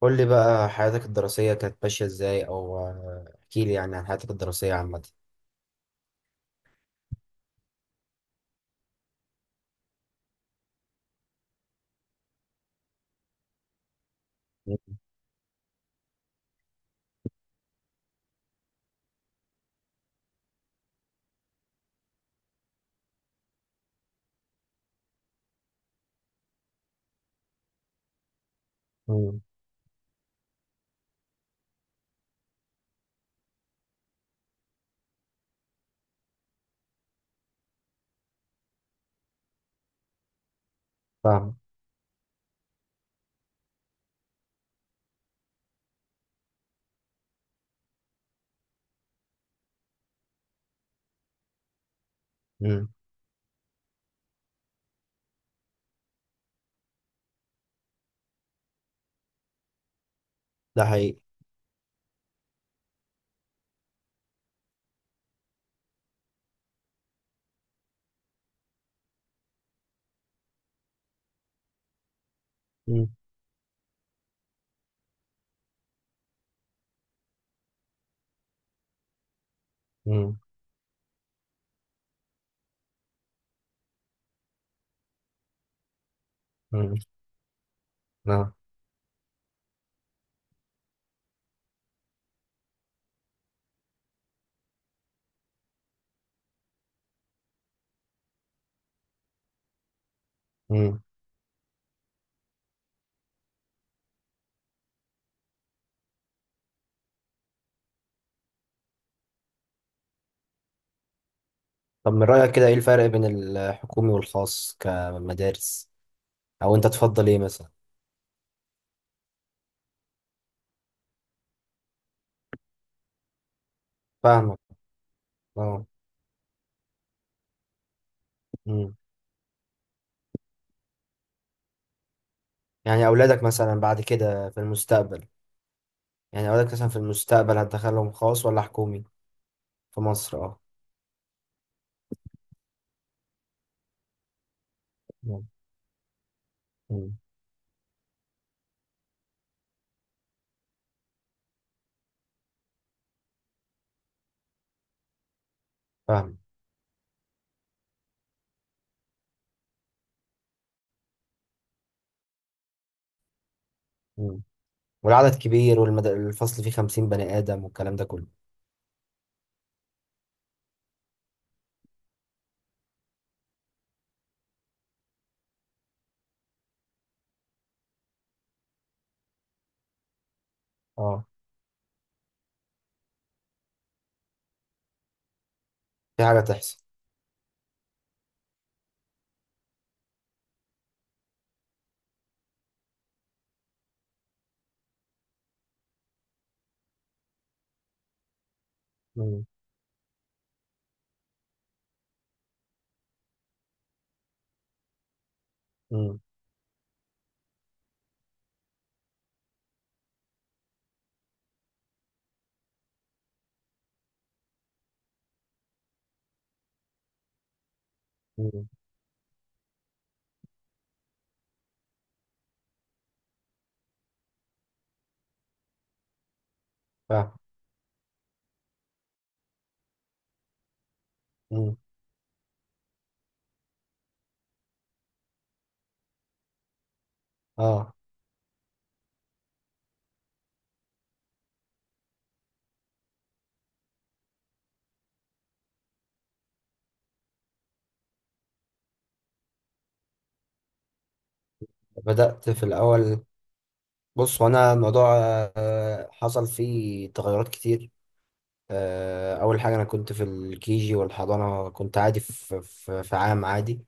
قول لي بقى حياتك الدراسية كانت ماشية ازاي او احكي لي يعني عن حياتك الدراسية عامة. مم. فاهم. مم. ده حقيقي. مم. مم. مم. نعم. مم. طب من رأيك كده ايه الفرق بين الحكومي والخاص كمدارس؟ او انت تفضل ايه مثلا؟ فاهمك. اه. مم. يعني اولادك مثلا بعد كده في المستقبل. يعني اولادك مثلا في المستقبل هتدخلهم خاص ولا حكومي؟ في مصر اه. مم. مم. فاهم. مم. والعدد كبير والفصل فيه خمسين بني آدم والكلام ده كله. اه، في حاجة تحصل. مم. مم. مم. فاهم. مم. اه بدأت في الأول. بص، وأنا الموضوع حصل فيه تغيرات كتير. أول حاجة أنا كنت في الكيجي والحضانة، كنت عادي في عام عادي.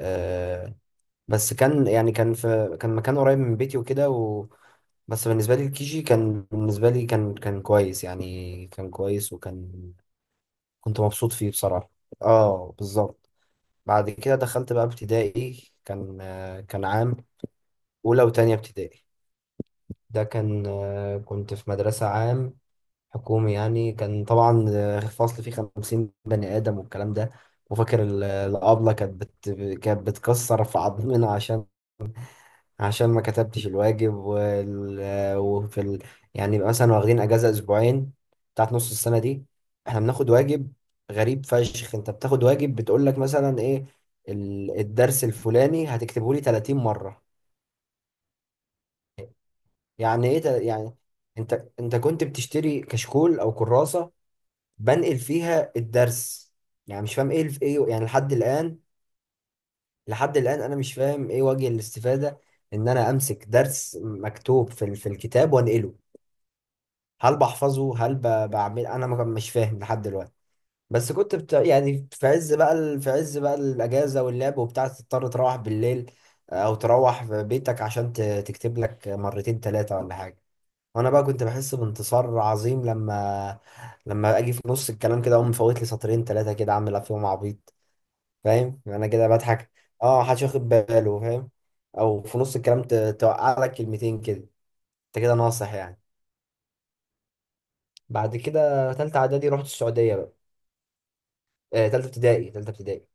آه، بس كان يعني كان مكان قريب من بيتي وكده و... بس بالنسبة لي الكيجي كان بالنسبة لي كان كويس، يعني كان كويس وكان كنت مبسوط فيه بصراحة. اه بالظبط. بعد كده دخلت بقى ابتدائي، كان كان عام، أولى وتانية ابتدائي. ده كان، كنت في مدرسة عام حكومي يعني. كان طبعا فصل فيه خمسين بني آدم والكلام ده. وفاكر الأبلة كانت بتكسر في عظمنا عشان عشان ما كتبتش الواجب يعني يبقى مثلا واخدين اجازه اسبوعين بتاعت نص السنه دي، احنا بناخد واجب. غريب فشخ، انت بتاخد واجب بتقول لك مثلا ايه الدرس الفلاني هتكتبه لي 30 مره. يعني ايه يعني انت كنت بتشتري كشكول او كراسه بنقل فيها الدرس؟ يعني مش فاهم ايه ايه يعني لحد الان. لحد الان انا مش فاهم ايه وجه الاستفاده ان انا امسك درس مكتوب في الكتاب وانقله. هل بحفظه؟ هل بعمل انا ما كان- مش فاهم لحد دلوقتي. بس يعني في عز بقى في عز بقى الاجازه واللعب وبتاع، تضطر تروح بالليل، او تروح في بيتك عشان تكتب لك مرتين ثلاثه ولا حاجه. وانا بقى كنت بحس بانتصار عظيم لما لما اجي في نص الكلام كده اقوم مفوت لي سطرين ثلاثه كده اعمل فيهم عبيط. فاهم انا كده بضحك. اه محدش واخد باله، فاهم؟ او في نص الكلام توقع لك كلمتين كده. انت كده ناصح يعني. بعد كده تالتة اعدادي رحت السعوديه بقى. تالتة ابتدائي، تالتة ابتدائي.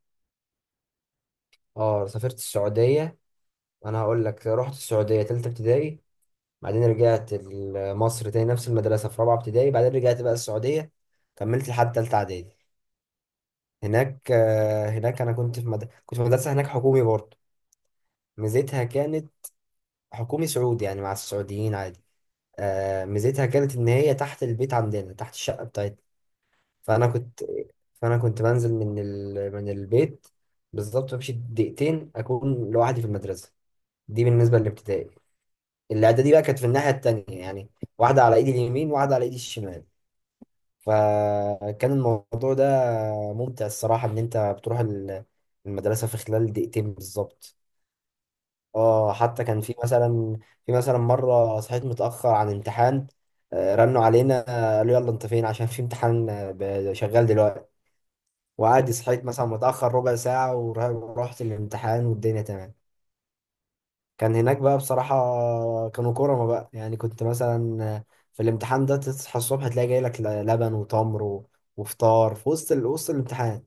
اه سافرت السعودية. انا هقول لك، رحت السعودية تالتة ابتدائي، بعدين رجعت مصر تاني نفس المدرسة في رابعة ابتدائي، بعدين رجعت بقى السعودية، كملت لحد تالتة اعدادي هناك. هناك انا كنت في مدرسة هناك حكومي برضه. ميزتها كانت حكومي سعودي يعني مع السعوديين عادي. ميزتها كانت ان هي تحت البيت عندنا، تحت الشقة بتاعتنا. فانا فانا كنت بنزل من البيت بالظبط، بمشي دقيقتين اكون لوحدي في المدرسة. دي بالنسبة للابتدائي. الإعدادي بقى كانت في الناحية التانية يعني، واحدة على إيدي اليمين وواحدة على إيدي الشمال. فكان الموضوع ده ممتع الصراحة، إن أنت بتروح المدرسة في خلال دقيقتين بالظبط. اه حتى كان في مثلا، في مثلا مرة صحيت متأخر عن امتحان، رنوا علينا، قالوا يلا انت فين؟ عشان في امتحان شغال دلوقتي. وعادي صحيت مثلا متأخر ربع ساعة ورحت الامتحان والدنيا تمام. كان هناك بقى بصراحة كانوا كرما بقى، يعني كنت مثلا في الامتحان ده تصحى الصبح تلاقي جاي لك لبن وتمر و- وفطار في وسط وسط الامتحان.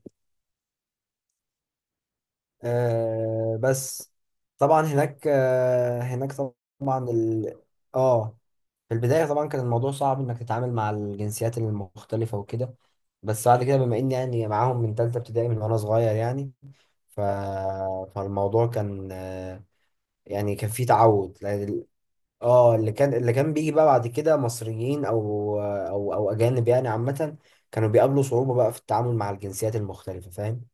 آه بس. طبعا هناك اه في البداية طبعا كان الموضوع صعب انك تتعامل مع الجنسيات المختلفة وكده، بس بعد كده بما اني يعني معاهم من تالتة ابتدائي، من وانا صغير يعني. ف... فالموضوع كان يعني كان فيه تعود. اه، اللي كان بيجي بقى بعد كده مصريين او اجانب يعني عامه، كانوا بيقابلوا صعوبه بقى في التعامل مع الجنسيات المختلفه، فاهم.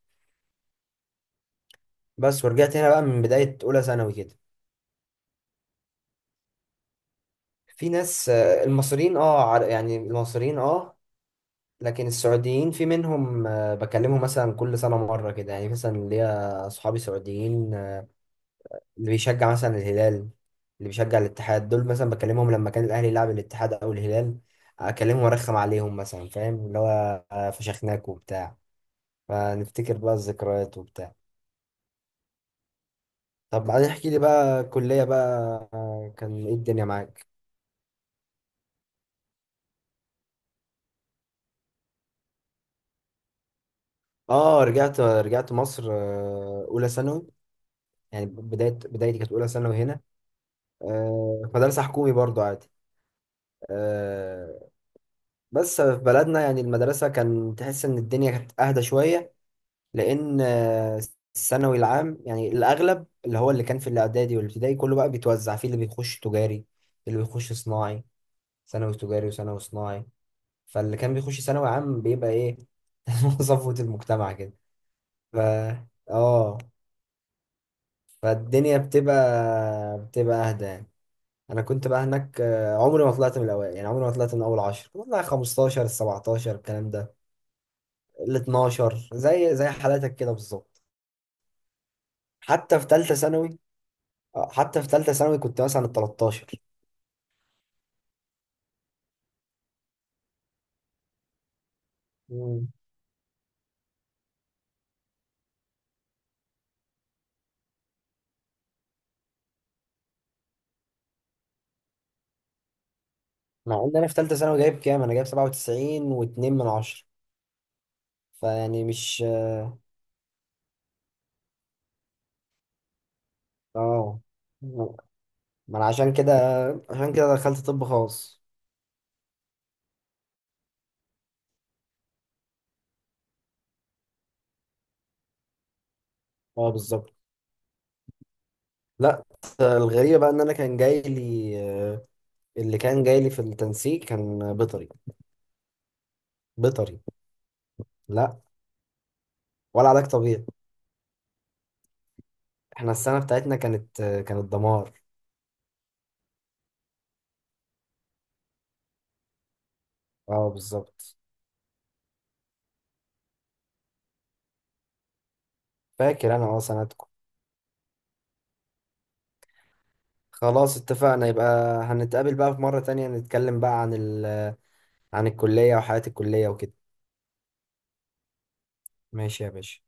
بس ورجعت هنا بقى من بدايه اولى ثانوي كده. في ناس، المصريين اه يعني المصريين اه. لكن السعوديين في منهم، بكلمهم مثلا كل سنه مره كده، يعني مثلا ليا اصحابي سعوديين اللي بيشجع مثلا الهلال، اللي بيشجع الاتحاد، دول مثلا بكلمهم لما كان الاهلي يلعب الاتحاد او الهلال، اكلمهم وارخم عليهم مثلا، فاهم؟ اللي هو فشخناك وبتاع. فنفتكر بقى الذكريات وبتاع. طب بعدين احكي لي بقى الكلية بقى، كان ايه الدنيا معاك؟ اه، رجعت مصر اولى ثانوي. يعني بدايتي كانت اولى ثانوي هنا. في مدرسة حكومي برضو عادي. آه، بس في بلدنا يعني المدرسة كان تحس ان الدنيا كانت اهدى شوية، لان الثانوي العام يعني الاغلب، اللي هو اللي كان في الاعدادي والابتدائي كله بقى بيتوزع في اللي بيخش تجاري، اللي بيخش صناعي. ثانوي تجاري وثانوي صناعي. فاللي كان بيخش ثانوي عام بيبقى ايه؟ صفوة المجتمع كده. ف اه فالدنيا بتبقى اهدى يعني. انا كنت بقى هناك، عمري ما طلعت من الاوائل، يعني عمري ما طلعت من اول عشر والله، 15 17 الكلام ده. ال 12 زي حالاتك كده بالظبط. حتى في ثالثه ثانوي حتى في ثالثه ثانوي كنت مثلا ال 13. مم. مع ان انا في ثالثه ثانوي جايب كام؟ انا جايب 97 و2 من 10. فيعني مش اه. ما انا عشان كده، عشان كده دخلت طب خاص. اه بالظبط. لا، الغريبه بقى ان انا كان جاي لي آه، اللي كان جاي لي في التنسيق كان بيطري. بيطري. لا. ولا علاج طبيعي. احنا السنه بتاعتنا كانت كانت دمار. اه بالظبط. فاكر انا اه سنتكم. خلاص اتفقنا، يبقى هنتقابل بقى في مرة تانية نتكلم بقى عن الكلية وحياة الكلية وكده. ماشي يا باشا.